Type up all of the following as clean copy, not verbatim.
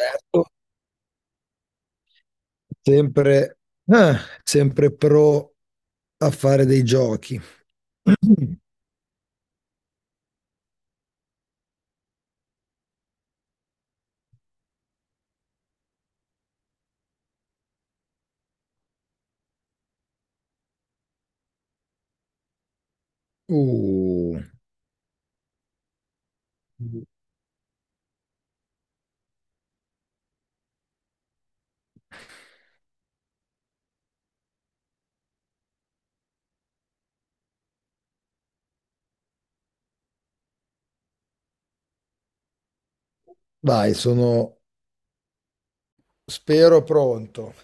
Certo, sempre, ah, sempre pro a fare dei giochi. Uh, dai, sono, spero pronto.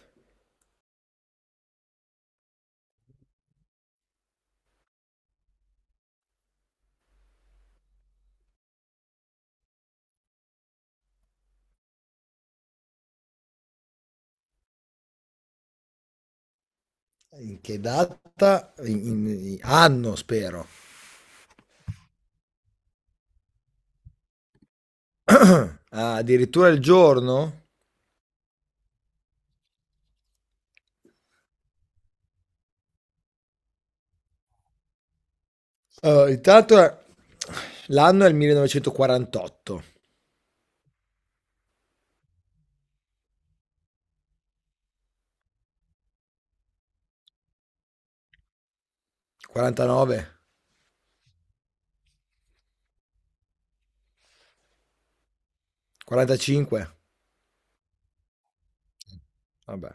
In che data? Anno, spero. Ah, addirittura il giorno? Intanto l'anno è il 1948, 49, 45. Vabbè,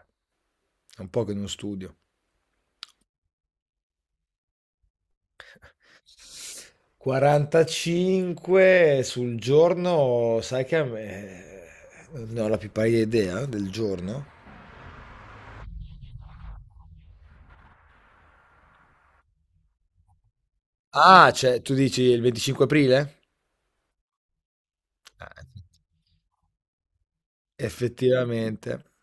è un po' che non studio. 45 sul giorno, sai che a me. Non ho la più pallida idea del giorno. Ah, cioè, tu dici il 25 aprile? Ah, effettivamente.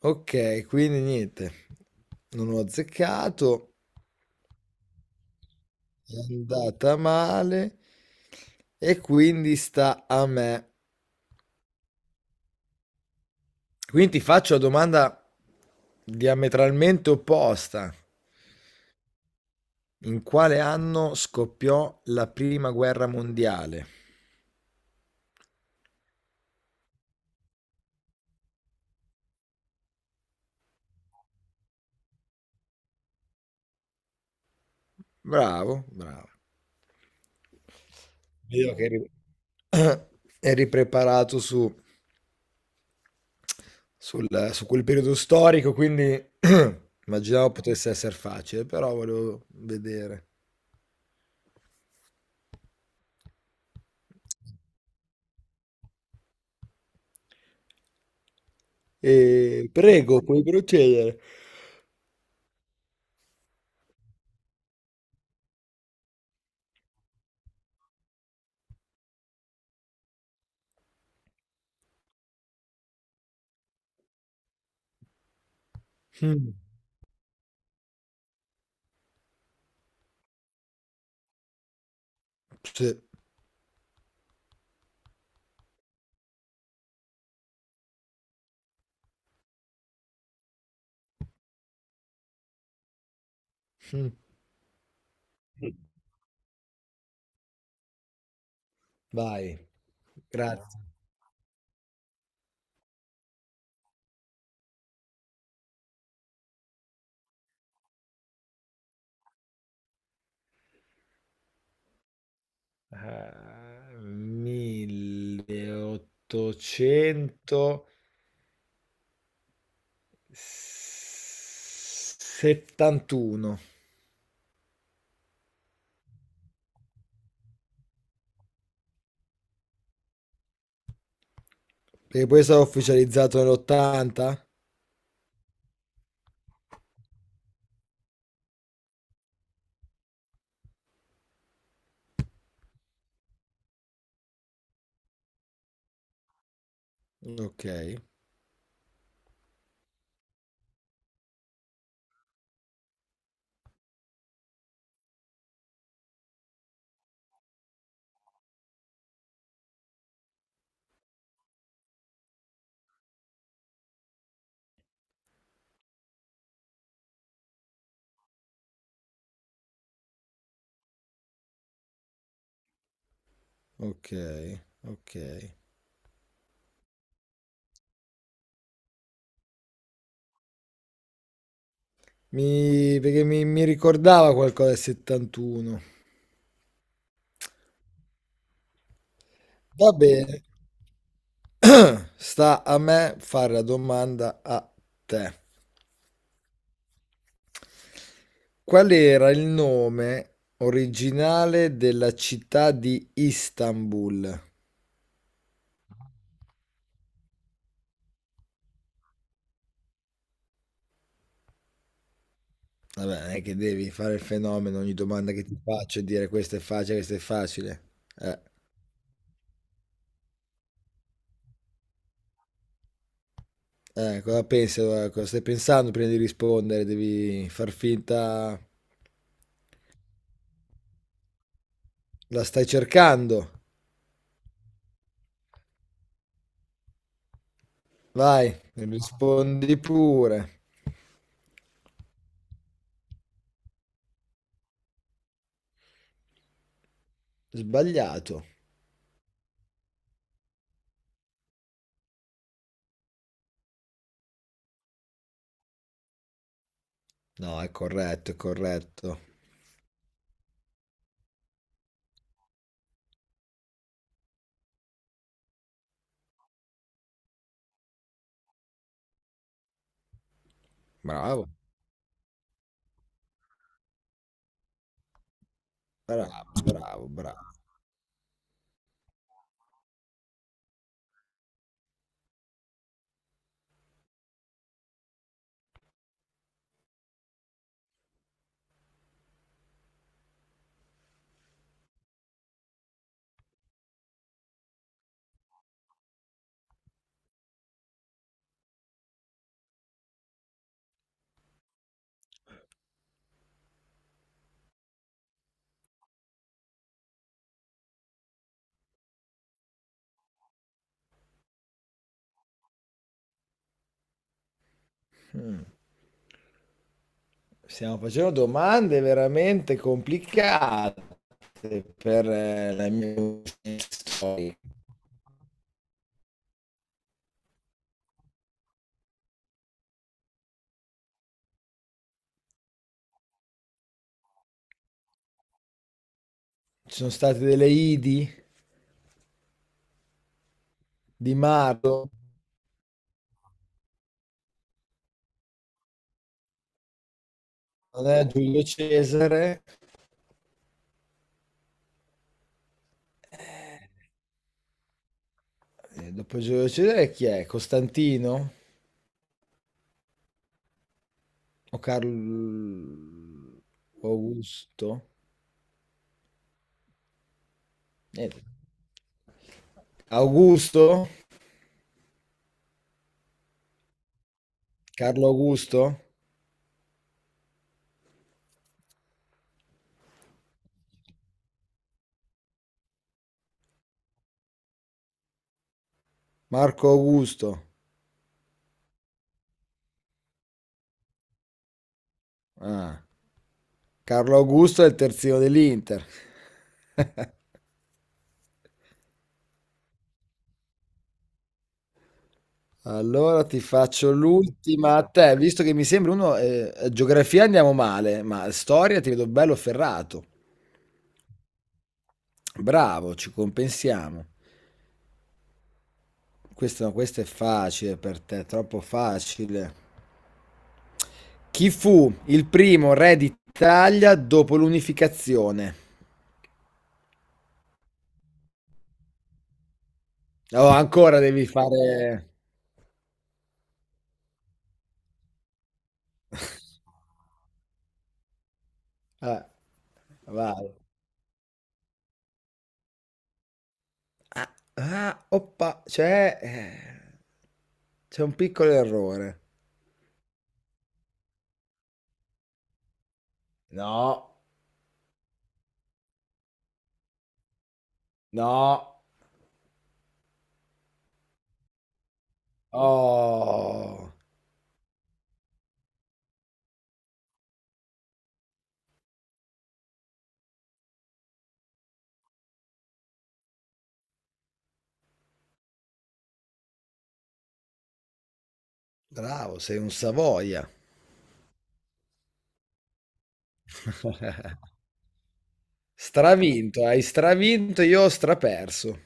Ok, quindi niente. Non ho azzeccato, è andata male e quindi sta a me. Quindi ti faccio la domanda diametralmente opposta. In quale anno scoppiò la prima guerra mondiale? Bravo, bravo. Vedo che eri, eri preparato su, su quel periodo storico, quindi immaginavo potesse essere facile, però volevo vedere. E prego, puoi procedere. Mm, sì. Mm. Vai, grazie. 1800. 71. Perché poi è stato ufficializzato nell'80? Ok, ok, ok. Perché mi ricordava qualcosa del 71. Va bene. Sta a me fare la domanda a te. Qual era il nome originale della città di Istanbul? Vabbè, non è che devi fare il fenomeno, ogni domanda che ti faccio e dire questo è facile, questo è facile. Eh. Cosa pensi? Allora? Cosa stai pensando prima di rispondere? Devi far finta. La stai cercando. Vai, rispondi pure. Sbagliato. No, è corretto, è corretto. Bravo, bravo, bravo, bravo. Mm. Stiamo facendo domande veramente complicate per la mia storia. Ci sono state delle Idi di Marco, non è Giulio Cesare. Dopo Giulio Cesare chi è? Costantino? O Carlo o Augusto? Niente. Augusto? Carlo Augusto? Marco Augusto? Ah. Carlo Augusto è il terzino dell'Inter. Allora ti faccio l'ultima a te, visto che mi sembra uno, geografia andiamo male, ma storia ti vedo bello ferrato. Bravo, ci compensiamo. Questo, no, questo è facile per te, troppo facile. Chi fu il primo re d'Italia dopo l'unificazione? Oh, ancora devi fare. Ah, vai. Ah, ah, oppa, c'è un piccolo errore. No, no. Oh, bravo, sei un Savoia. Stravinto, hai stravinto, io ho straperso.